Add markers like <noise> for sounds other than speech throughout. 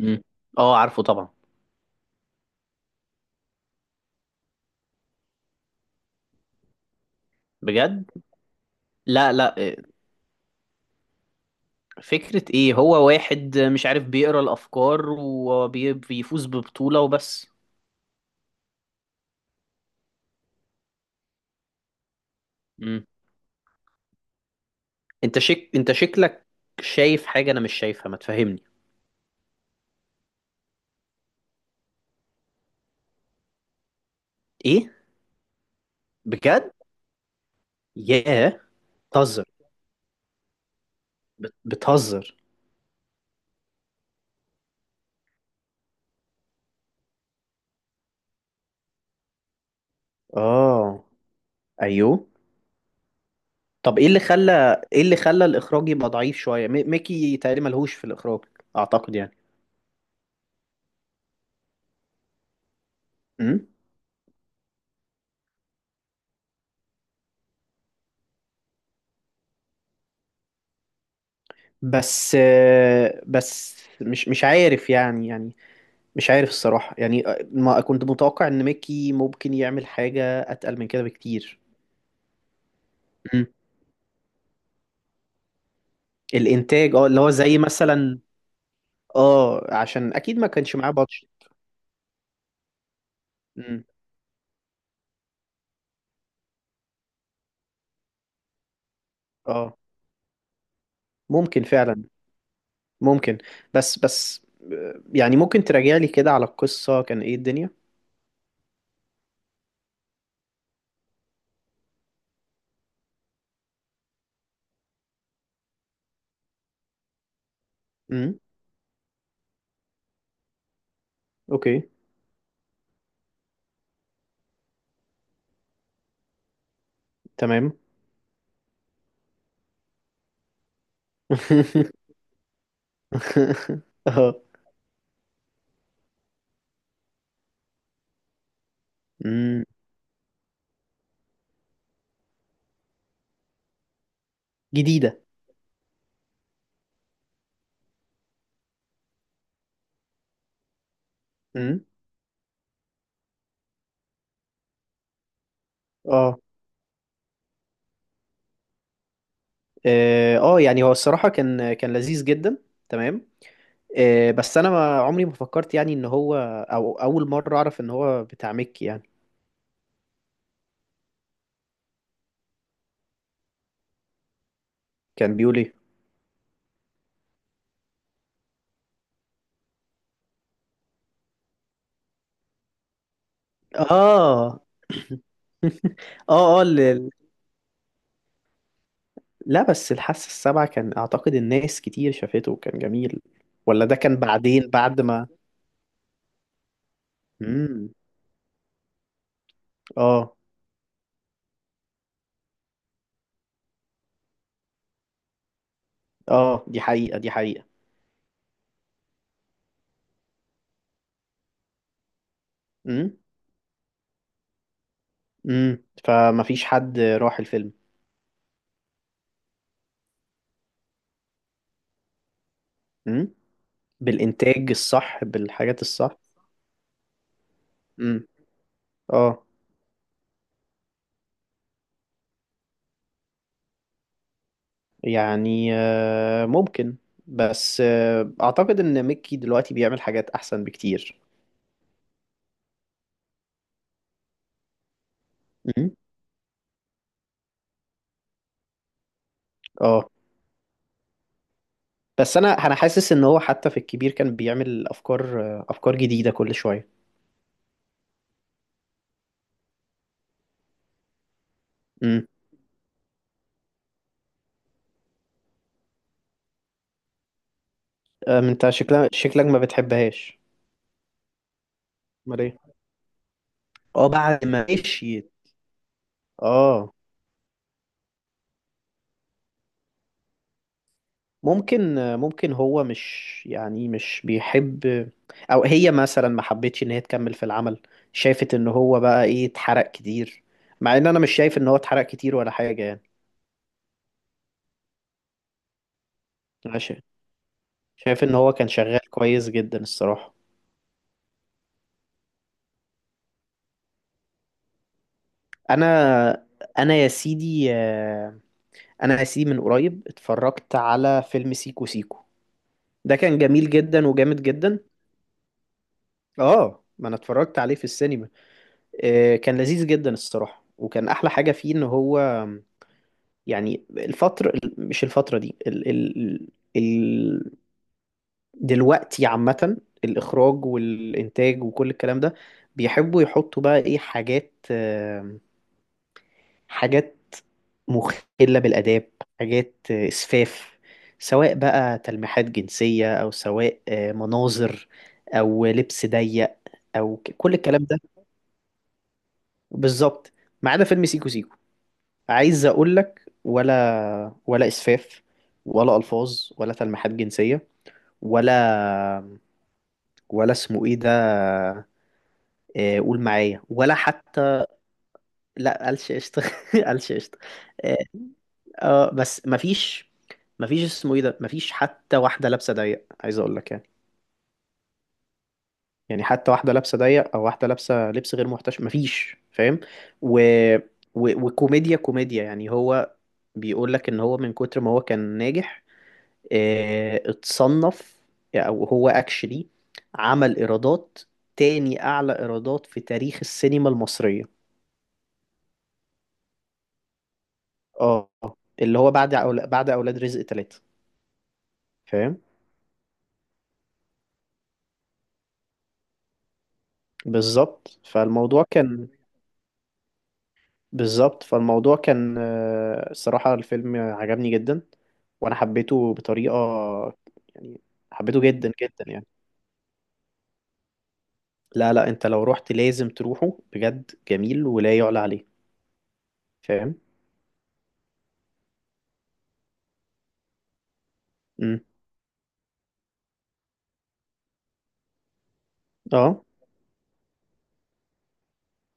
مم. اه، عارفه طبعا. بجد؟ لا، لا، إيه، فكرة ايه؟ هو واحد مش عارف بيقرا الافكار وبيفوز ببطولة وبس. مم. انت شكلك شايف حاجة انا مش شايفها. ما تفهمني؟ ايه؟ بجد؟ ياه. بتهزر. بتهزر. اه. ايوه. طب ايه اللي خلى الاخراج يبقى ضعيف شوية، ميكي تقريبا ملهوش في الاخراج، اعتقد يعني. مم. بس مش عارف يعني مش عارف الصراحة يعني، ما كنت متوقع ان ميكي ممكن يعمل حاجة اتقل من كده بكتير. مم. الانتاج، اللي هو زي مثلا. اه، عشان اكيد ما كانش معاه بادجت. مم. اه، ممكن فعلا. ممكن. بس يعني ممكن تراجع لي كده على القصة، كان ايه الدنيا. مم. اوكي. تمام. <laughs> اه. مم. جديدة. مم. اه، اه، يعني هو الصراحة كان لذيذ جدا. تمام. بس انا ما عمري ما فكرت يعني ان هو، او اول مره اعرف ان هو بتاع مكي يعني. كان بيقول ايه؟ اه. <laughs> اه، اه، لا، بس الحاسة السابعة كان اعتقد الناس كتير شافته وكان جميل، ولا ده كان بعدين بعد ما. امم. اه. اه، دي حقيقة دي حقيقة. امم. امم، فما فيش حد راح الفيلم. امم. بالانتاج الصح، بالحاجات الصح. امم. اه. يعني ممكن. بس اعتقد ان ميكي دلوقتي بيعمل حاجات احسن بكتير. مم. اه، بس انا حاسس ان هو حتى في الكبير كان بيعمل افكار، جديده كل شويه. امم. انت شكلك ما بتحبهاش. امال ايه؟ اه، بعد ما مشيت. اه. ممكن هو مش يعني مش بيحب، او هي مثلا ما حبتش ان هي تكمل في العمل. شافت ان هو بقى ايه، اتحرق كتير، مع ان انا مش شايف ان هو اتحرق كتير ولا حاجه يعني. أنا شايف ان هو كان شغال كويس جدا الصراحة. انا انا يا سيدي، انا يا سيدي من قريب اتفرجت على فيلم سيكو سيكو. ده كان جميل جدا وجامد جدا. اه، ما انا اتفرجت عليه في السينما. كان لذيذ جدا الصراحة، وكان احلى حاجة فيه ان هو يعني الفترة، مش الفترة دي، ال دلوقتي عامة، الإخراج والإنتاج وكل الكلام ده بيحبوا يحطوا بقى إيه، حاجات مخلة بالآداب، حاجات إسفاف، سواء بقى تلميحات جنسية، أو سواء مناظر، أو لبس ضيق، أو كل الكلام ده. بالظبط. ما عدا فيلم سيكو سيكو، عايز أقولك ولا إسفاف، ولا ألفاظ، ولا تلميحات جنسية، ولا ولا اسمه إيه ده، قول معايا، ولا حتى. لا، قالش قشطة. <laughs> قالش قشطة. آه. اه بس مفيش، مفيش اسمه ايه ده، مفيش حتى واحدة لابسة ضيق، عايز اقول لك يعني. يعني حتى واحدة لابسة ضيق او واحدة لابسة لبس غير محتشم مفيش، فاهم؟ و... وكوميديا، كوميديا، يعني هو بيقول لك ان هو من كتر ما هو كان ناجح اه... اتصنف، او هو اكشلي، عمل ايرادات تاني اعلى ايرادات في تاريخ السينما المصرية. اه. اللي هو بعد بعد اولاد رزق ثلاثة. فاهم. بالظبط فالموضوع كان بالظبط، فالموضوع كان الصراحة الفيلم عجبني جدا، وأنا حبيته بطريقة يعني، حبيته جدا جدا يعني. لا، لا، أنت لو رحت لازم تروحه، بجد جميل ولا يعلى عليه. فاهم؟ امم. اه،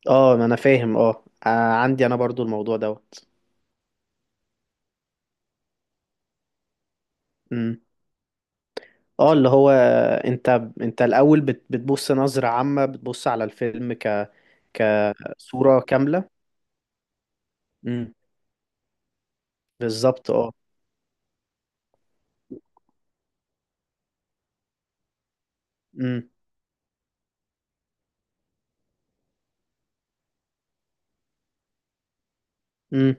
اه، ما أنا فاهم، عندي أنا برضو الموضوع دوت. امم. اه، اللي هو أنت، أنت الأول بتبص نظرة عامة، بتبص على الفيلم كصورة كاملة. امم. بالظبط اه. امم.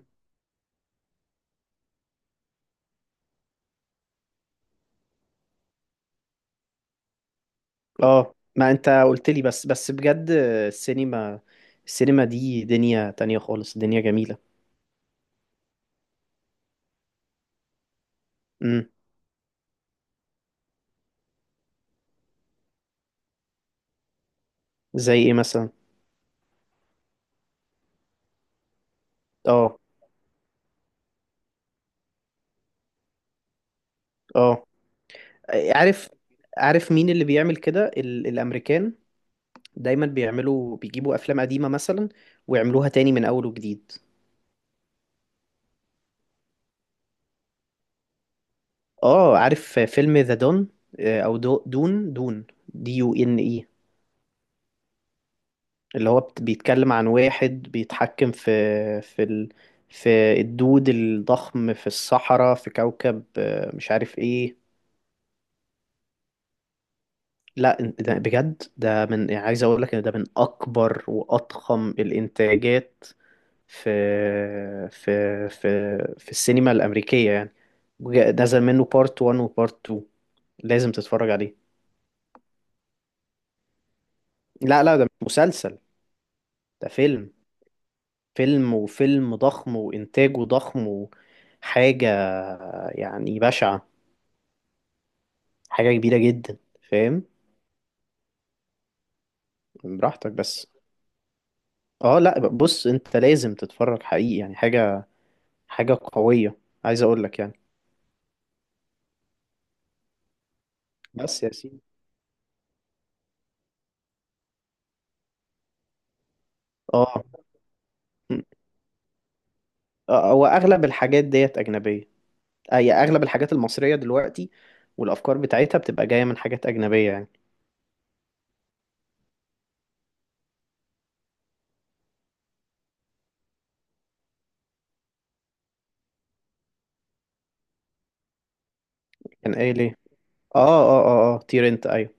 اه، ما انت قلت لي بس بجد، السينما السينما دي دنيا تانية خالص، دنيا جميلة. امم. زي ايه مثلا؟ اه. اه، عارف، مين اللي بيعمل كده، الامريكان دايما بيعملوا، بيجيبوا افلام قديمة مثلا ويعملوها تاني من اول وجديد. اه عارف فيلم ذا دون، او دون، دي يو ان اي، اللي هو بيتكلم عن واحد بيتحكم في، في ال... في الدود الضخم في الصحراء، في كوكب مش عارف ايه. لا، ده بجد ده، من يعني، عايز اقول لك ان ده من اكبر واضخم الانتاجات في، في، في السينما الامريكيه يعني. نزل منه بارت 1 وبارت 2، لازم تتفرج عليه. لا، لا، ده مش مسلسل، ده فيلم، فيلم، وفيلم ضخم وإنتاجه ضخم، وحاجة يعني بشعة، حاجة كبيرة جدا، فاهم. براحتك بس. اه، لا، بص انت لازم تتفرج، حقيقي يعني، حاجة، حاجة قوية، عايز اقول لك يعني. بس يا سيدي. اه م. آه، هو اغلب الحاجات ديت اجنبية، اي اغلب الحاجات المصرية دلوقتي والافكار بتاعتها بتبقى جاية من حاجات اجنبية يعني. كان قايل ايه؟ اه، اه، اه، اه، تير انت، ايوه.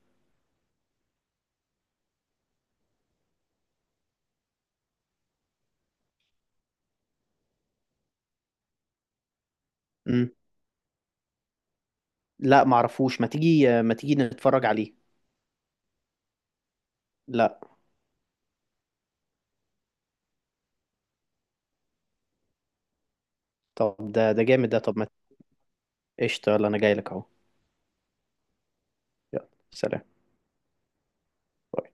مم. لا، معرفوش، ما تيجي، ما تيجي نتفرج عليه. لا. طب ده جامد ده، طب ما. قشطة، يلا انا جاي لك اهو. يلا سلام. باي.